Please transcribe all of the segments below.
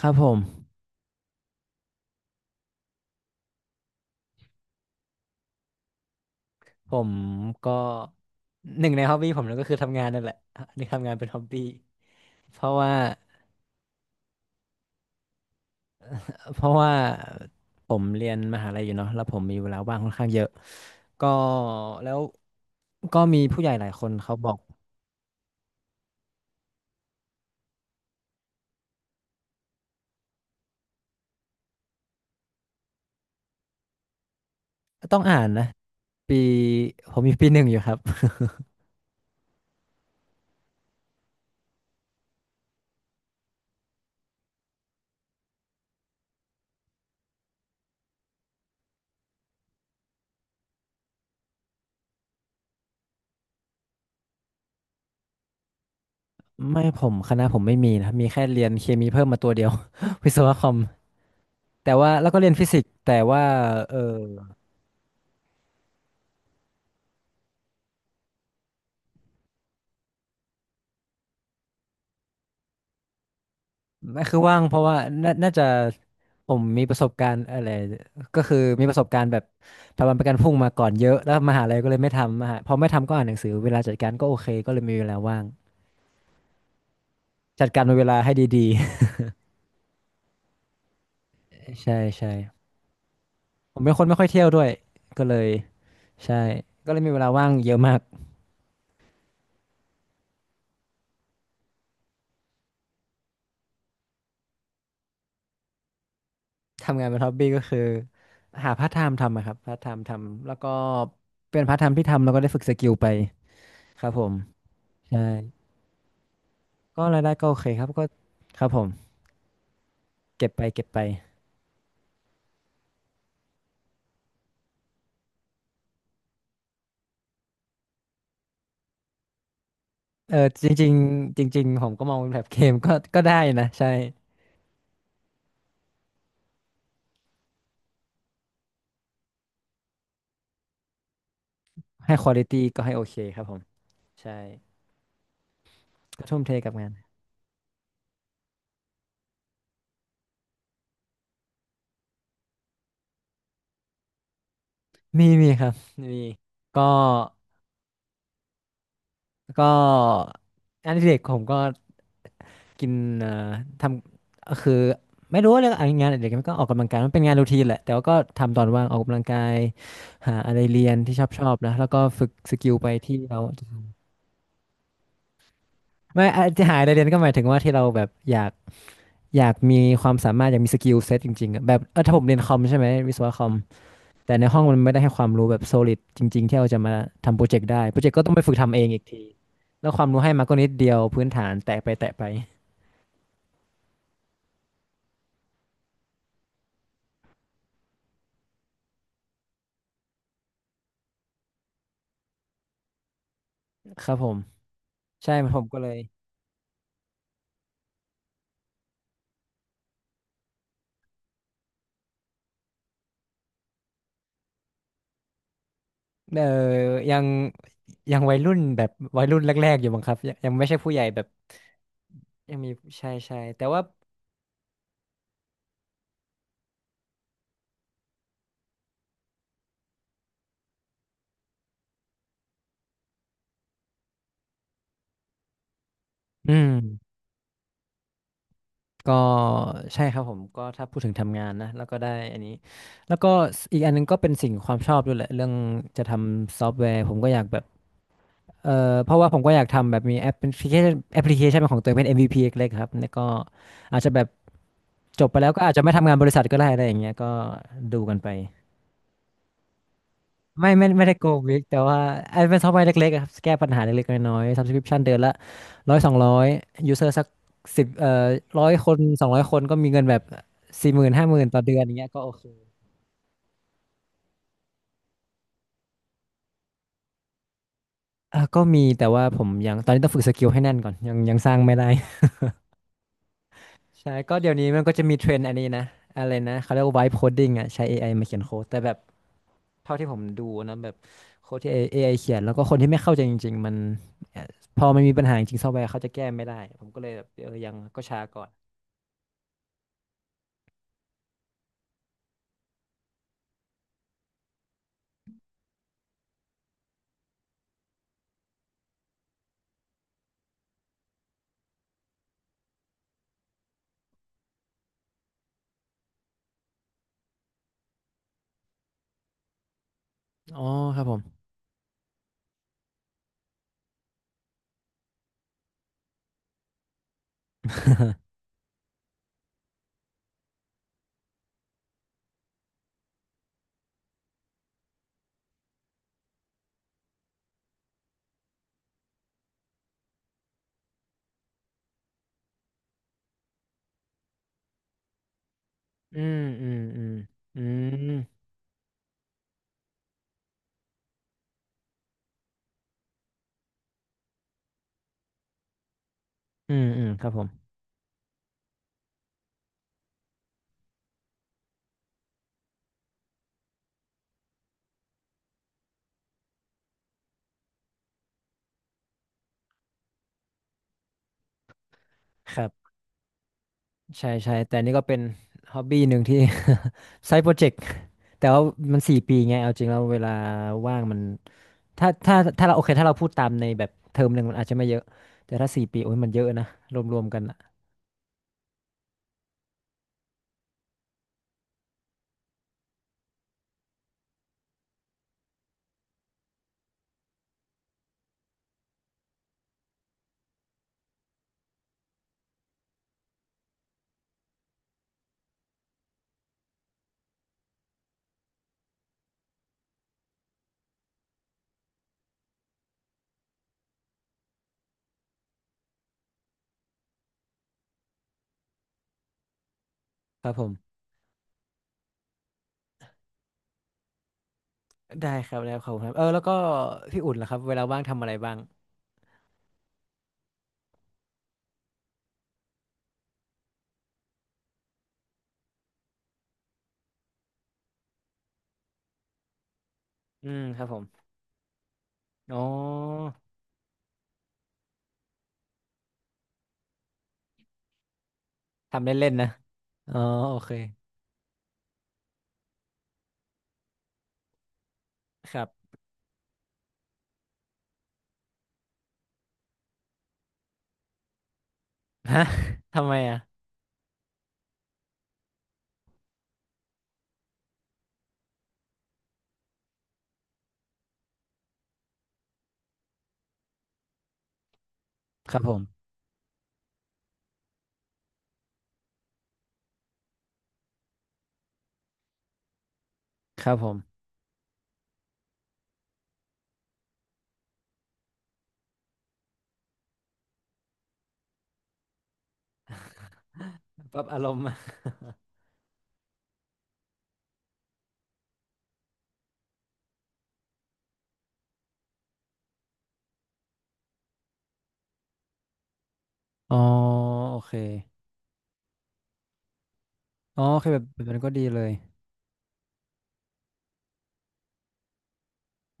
ครับผมก็หนึ่งในฮอบบี้ผมนั่นก็คือทำงานนั่นแหละนี่ทำงานเป็นฮอบบี้เพราะว่าเพราะว่าผมเรียนมหาลัยอยู่เนาะแล้วผมมีเวลาว่างค่อนข้างเยอะก็แล้วก็มีผู้ใหญ่หลายคนเขาบอกต้องอ่านนะปีผมมีปีหนึ่งอยู่ครับไม่ผมคณะผมไม่มีนะครับมีแค่เรียนเคมีเพิ่มมาตัวเดียว วิศวะคอมแต่ว่าแล้วก็เรียนฟิสิกส์แต่ว่าเออไม่คือว่างเพราะว่าน่าจะ ผมมีประสบการณ์อะไรก็คือมีประสบการณ์แบบทำวันประกันพรุ่งมาก่อนเยอะแล้วมหาลัยก็เลยไม่ทำมหาพอไม่ทำก็อ่านหนังสือเวลาจัดการก็โอเคก็เลยมีเวลาว่างจัดการเวลาให้ดีๆ ใช่ใช่ผมเป็นคนไม่ค่อยเที่ยวด้วยก็เลยใช่ก็เลยมีเวลาว่างเยอะมากทำงานเป็นฮ็อบบี้ก็คือหาพาร์ทไทม์ทำอะครับพาร์ทไทม์ทำแล้วก็เป็นพาร์ทไทม์ที่ทำแล้วก็ได้ฝึกสกิลไปครับผมใช่ก็รายได้ก็โอเคครับก็ครับผมเก็บไปเก็บไป เออจริงๆจริงๆผมก็มองเป็นแบบเกมก็ ก็ได้นะใช่ให้ควอลิตี้ก็ให้โอเคครับผมใช่ก็ทุ่มเทกับงานมีมีครับมีก็ก็งานอดิเรกผมก็กินเอ่อทำคือไม่รู้ว่าเรื่องงานอดิเรกมันก็ออกกำลังกายมันเป็นงานรูทีนแหละแต่ว่าก็ทำตอนว่างออกกำลังกายหาอะไรเรียนที่ชอบชอบนะแล้วก็ฝึกสกิลไปที่เราไม่อาจจะหาอะไรเรียนก็หมายถึงว่าที่เราแบบอยาก อยากมีความสามารถอยากมีสกิลเซ็ตจริงๆอะแบบเออถ้าผมเรียนคอมใช่ไหมวิศวะคอมแต่ในห้องมันไม่ได้ให้ความรู้แบบ solid จริงๆที่เราจะมาทำโปรเจกต์ได้โปรเจกต์ก็ต้องไปฝึกทำเองอีกทีแล้วความรู้ให้มาก็นิดเดียวพื้นฐานแตะไปแตะไปครับผมใช่ผมก็เลยเออยังยังวัยรุ่นแบบวัยรุ่นแรกๆอยู่บ้างครับยังไม่ใช่ผู้ใหญ่แบบยังมีใช่ใช่แต่ว่าอืม ก็ใช่ครับผมก็ถ้าพูดถึงทำงานนะแล้วก็ได้อันนี้แล้วก็อีกอันหนึงก็เป็นสิ่งความชอบด้วยแหละเรื่องจะทำซอฟต์แวร์ผมก็อยากแบบเออเพราะว่าผมก็อยากทำแบบมีแอปพลิเคชันแอปพลิเคชันเป็นของตัวเองเป็น MVP เล็กๆครับแล้วก็อาจจะแบบจบไปแล้วก็อาจจะไม่ทำงานบริษัทก็ได้อะไรอย่างเงี้ยก็ดูกันไป ไม่ไม่ไม่ได้โกงบิกแต่ว่าไอ้เป็นซอฟต์แวร์เล็กๆอะครับแก้ปัญหาเล็กๆน้อยๆ subscription เดือนละร้อยสองร้อยยูเซอร์สักสิบร้อยคนสองร้อยคนก็มีเงินแบบสี่หมื่นห้าหมื่นต่อเดือนอย่างเงี้ยก็โอเคก็มีแต่ว่าผมยังตอนนี้ต้องฝึกสกิลให้แน่นก่อนยังยังสร้างไม่ได้ ใช่ก็เดี๋ยวนี้มันก็จะมีเทรนด์อันนี้นะอะไรนะเขาเรียกว่า vibe coding อ่ะใช้เอไอมาเขียนโค้ดแต่แบบ เท่าที่ผมดูนะแบบโค้ดที่ AI เขียนแล้วก็คนที่ไม่เข้าใจจริงๆมันเอ่อพอมันมีปัญหาจริงซอฟต์แวร์เขาจะแก้ไม่ได้ผมก็เลยแบบเออยังก็ช้าก่อนอ๋อครับผมอืมอืมอืมอืมอืมอืมครับผมครับใช่ใช่แต่นี่ก็เป็นฮ็อบบี้หนึ่งที่ ไซต์โปรเจกต์แต่ว่ามันสี่ปีไงเอาจริงแล้วเวลาว่างมันถ้าเราโอเคถ้าเราพูดตามในแบบเทอมหนึ่งมันอาจจะไม่เยอะแต่ถ้าสี่ปีโอ้ยมันเยอะนะรวมๆกันอะครับผม ได้ครับได้ครับขอบคุณครับเออแล้วก็พี่อุ่นล่ะครับเวลาว่างทำอะไรบ้างอืมครับผมอ๋อทำเล่นๆนะอ๋อโอเคครับ ฮะทำไมอ่ะครับผมครับผมปรับอารมณ์มาอ๋อโอเคอ๋อโอเคแบบแบบนั้นก็ดีเลย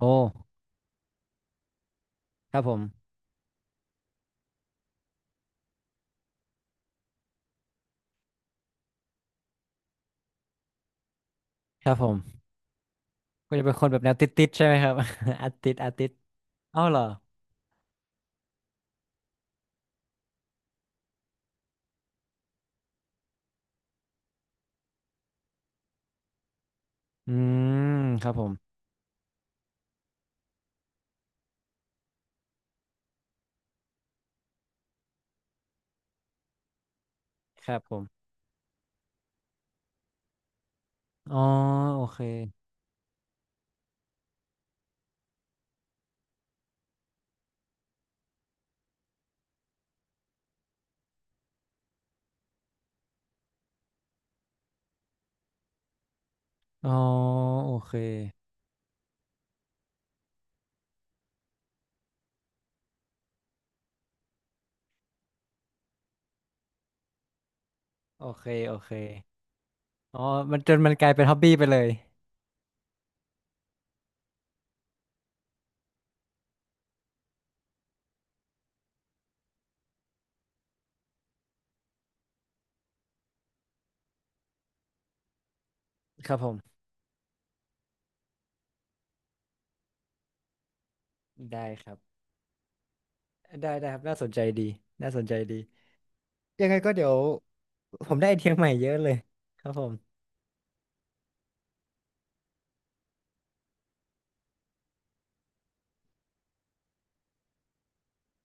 โอ้ครับผมครับผมก็จะเป็นคนแบบแนวติดๆใช่ไหมครับ อาติดอาติดเอ้าเหรออืมครับผมครับผมอ๋อโอเคอ๋อโอเคโอเคโอเค อ๋อมันจนมันกลายเป็นฮ็อบบี้ไปเลยครับผมได้ครับได้ได้ครับน่าสนใจดีน่าสนใจดียังไงก็เดี๋ยวผมได้ไอเทียใหม่เยอะเลยครับผม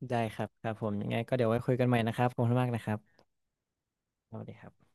ได้ครับครับผมยังไงก็เดี๋ยวไว้คุยกันใหม่นะครับขอบคุณมากนะครับสวัสดีครับ